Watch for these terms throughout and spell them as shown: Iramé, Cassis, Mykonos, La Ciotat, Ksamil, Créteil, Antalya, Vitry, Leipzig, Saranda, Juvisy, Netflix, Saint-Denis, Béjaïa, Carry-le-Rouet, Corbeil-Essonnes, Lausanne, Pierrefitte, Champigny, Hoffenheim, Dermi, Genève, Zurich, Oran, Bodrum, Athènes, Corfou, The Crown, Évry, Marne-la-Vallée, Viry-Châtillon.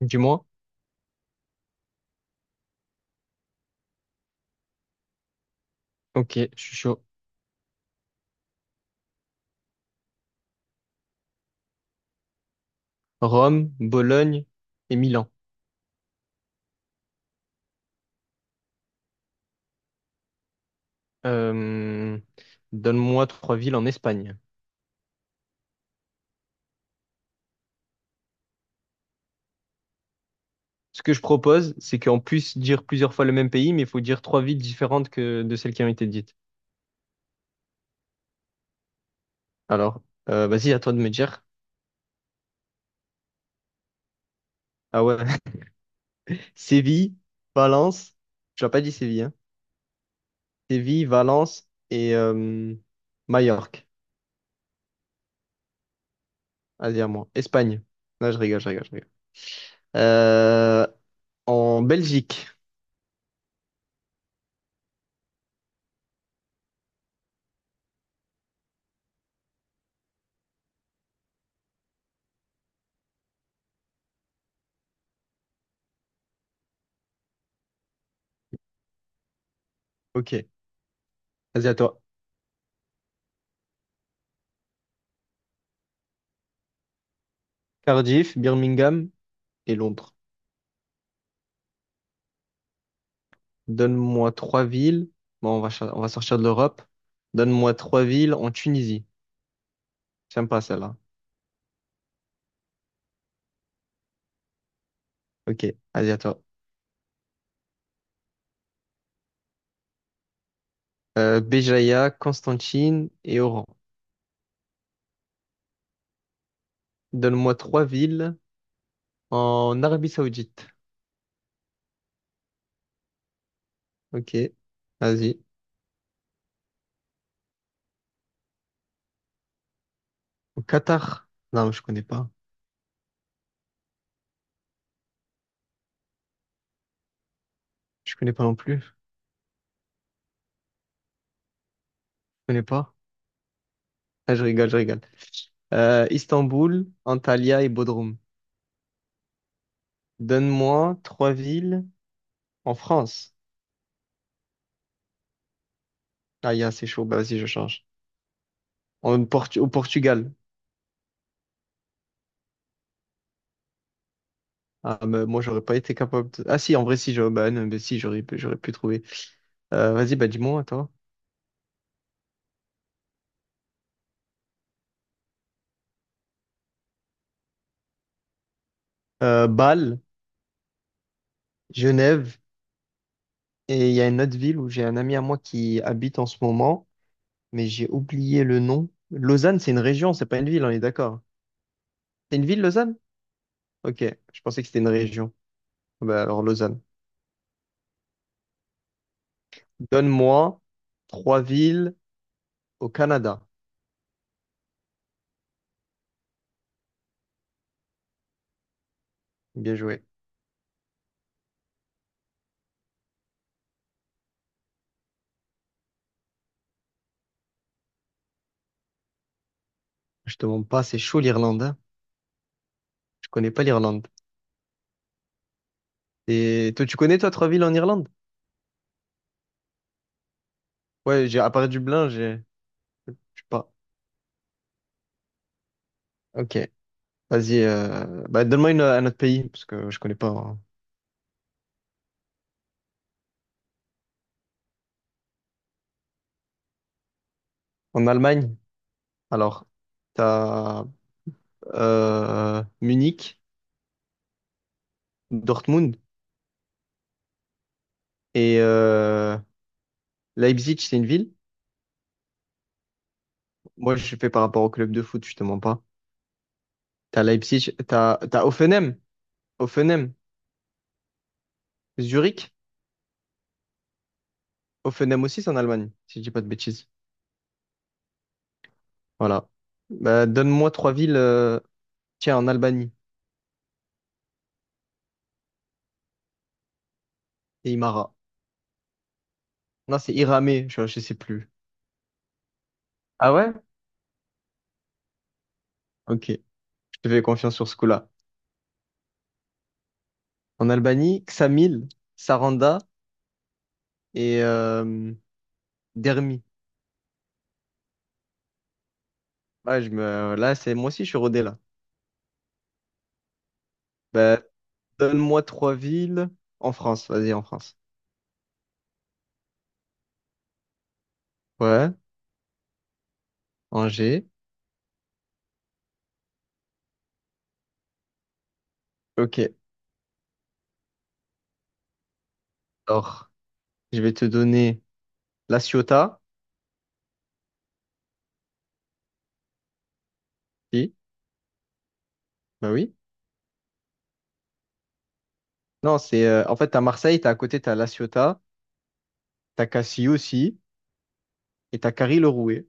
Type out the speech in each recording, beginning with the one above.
Dis-moi. Ok, je suis chaud. Rome, Bologne et Milan. Euh, Donne-moi trois villes en Espagne. Ce que je propose, c'est qu'on puisse dire plusieurs fois le même pays, mais il faut dire trois villes différentes que de celles qui ont été dites. Alors, vas-y, à toi de me dire. Ah ouais. Séville, Valence. Tu n'as pas dit Séville, hein. Séville, Valence et Majorque. Vas-y, à moi. Espagne. Non, je rigole, je rigole, je rigole. Euh, En Belgique. Ok. Vas-y, à toi. Cardiff, Birmingham et Londres. Donne-moi trois villes. Bon, on va, on va sortir de l'Europe. Donne-moi trois villes en Tunisie. J'aime pas celle-là. Ok, allez, à toi. Béjaïa, Constantine et Oran. Donne-moi trois villes en Arabie Saoudite. Ok, vas-y. Au Qatar. Non, mais je connais pas. Je connais pas non plus. Je connais pas. Ah, je rigole, je rigole. Istanbul, Antalya et Bodrum. Donne-moi trois villes en France. Ah, y'a, c'est chaud. Bah, vas-y, je change. Au Portugal. Ah, mais moi, j'aurais pas été capable de... Ah si, en vrai, si, j'aurais bah, non, mais si, j'aurais pu trouver. Vas-y, bah dis-moi, toi. Bâle, Genève, et il y a une autre ville où j'ai un ami à moi qui habite en ce moment, mais j'ai oublié le nom. Lausanne, c'est une région, c'est pas une ville, on est d'accord. C'est une ville, Lausanne? Ok, je pensais que c'était une région. Ah, bah alors, Lausanne. Donne-moi trois villes au Canada. Bien joué. Je te demande pas, c'est chaud l'Irlande, hein. Je connais pas l'Irlande. Et toi, tu connais, toi, trois villes en Irlande? Ouais, j'ai, à part Dublin, j'ai... Je sais pas. Ok. Vas-y. Bah, donne-moi un autre pays, parce que je connais pas, hein. En Allemagne, alors, t'as Munich, Dortmund et Leipzig, c'est une ville. Moi, je fais par rapport au club de foot, justement pas. T'as Leipzig, t'as Hoffenheim, Hoffenheim, Zurich. Hoffenheim aussi, c'est en Allemagne, si je dis pas de bêtises. Voilà. Bah, donne-moi trois villes. Tiens, en Albanie, c'est Imara. Non, c'est Iramé, je sais plus. Ah ouais? Ok, je te fais confiance sur ce coup-là. En Albanie, Ksamil, Saranda et Dermi. Ouais, je me... Là, c'est moi aussi, je suis rodé là. Bah, donne-moi trois villes en France. Vas-y, en France. Ouais, Angers. Ok. Alors, je vais te donner La Ciotat. Si, bah oui. Non, c'est en fait, t'as Marseille, t'as à côté, t'as La Ciotat, t'as Cassis aussi, et t'as Carry-le-Rouet.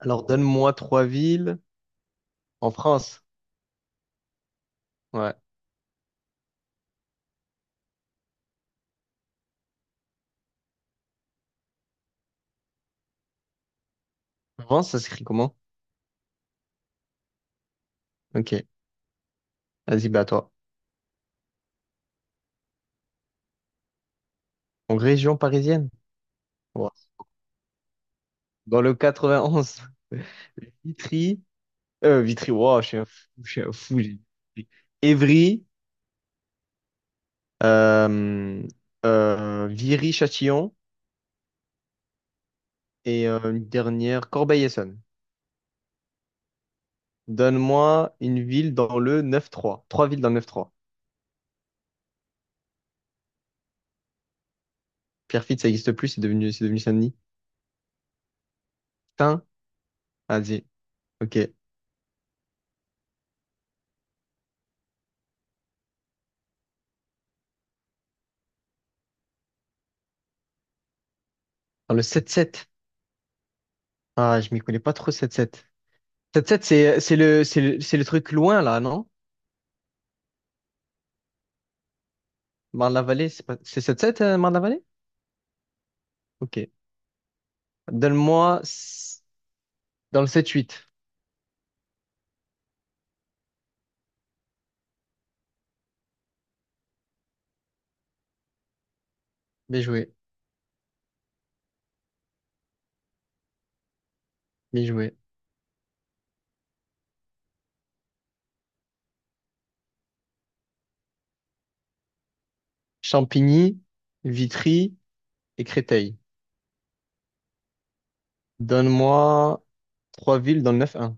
Alors, donne-moi trois villes en France. Ouais. France, ça s'écrit comment? Ok. Vas-y, bah à toi. En région parisienne? Dans le 91, Vitry, Vitry, wow, je suis un fou, je suis un fou. J'ai dit Évry, euh, Viry-Châtillon et une dernière, Corbeil-Essonnes. Donne-moi une ville dans le 9-3. Trois villes dans le 9-3. Pierrefitte, ça n'existe plus, c'est devenu Saint-Denis. Tain, vas-y, ok. Dans le 7-7. Ah, je m'y connais pas trop 7-7. 7-7, c'est le, c'est le, c'est le truc loin là, non? Marne-la-Vallée, c'est pas, c'est 7-7, Marne-la-Vallée? Ok. Donne-moi s- Dans le sept-huit. Bien joué, bien joué. Champigny, Vitry et Créteil. Donne-moi trois villes dans le neuf-un.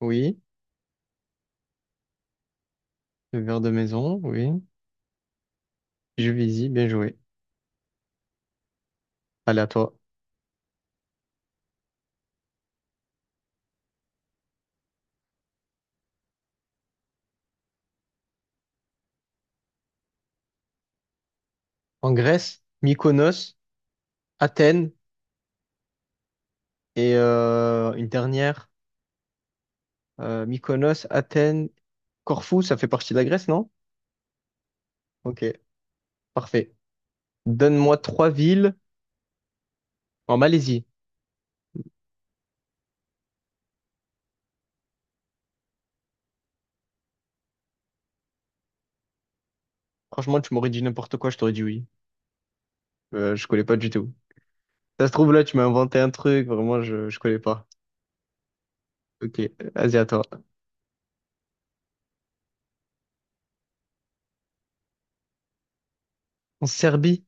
Oui, le verre de maison, oui. Juvisy, bien joué. Allez, à toi. En Grèce, Mykonos, Athènes et une dernière. Mykonos, Athènes, Corfou, ça fait partie de la Grèce, non? Ok, parfait. Donne-moi trois villes en Malaisie. Franchement, tu m'aurais dit n'importe quoi, je t'aurais dit oui. Je connais pas du tout. Ça se trouve, là, tu m'as inventé un truc, vraiment, je connais pas. Ok, vas-y, à toi. En Serbie?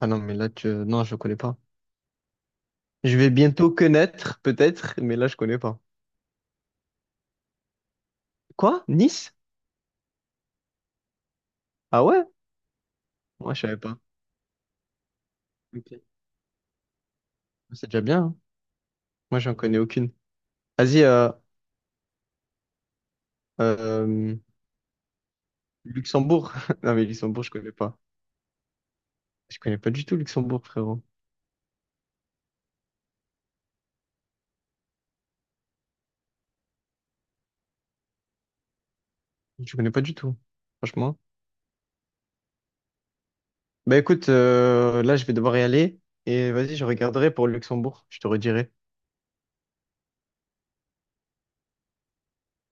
Ah non, mais là, tu... non, je connais pas. Je vais bientôt connaître, peut-être, mais là, je connais pas. Quoi? Nice? Ah ouais? Moi, je savais pas. Ok. C'est déjà bien, hein. Moi, j'en connais aucune. Vas-y, euh, Luxembourg. Non, mais Luxembourg, je connais pas. Je connais pas du tout Luxembourg, frérot. Je connais pas du tout, franchement. Bah écoute, là, je vais devoir y aller. Et vas-y, je regarderai pour Luxembourg. Je te redirai.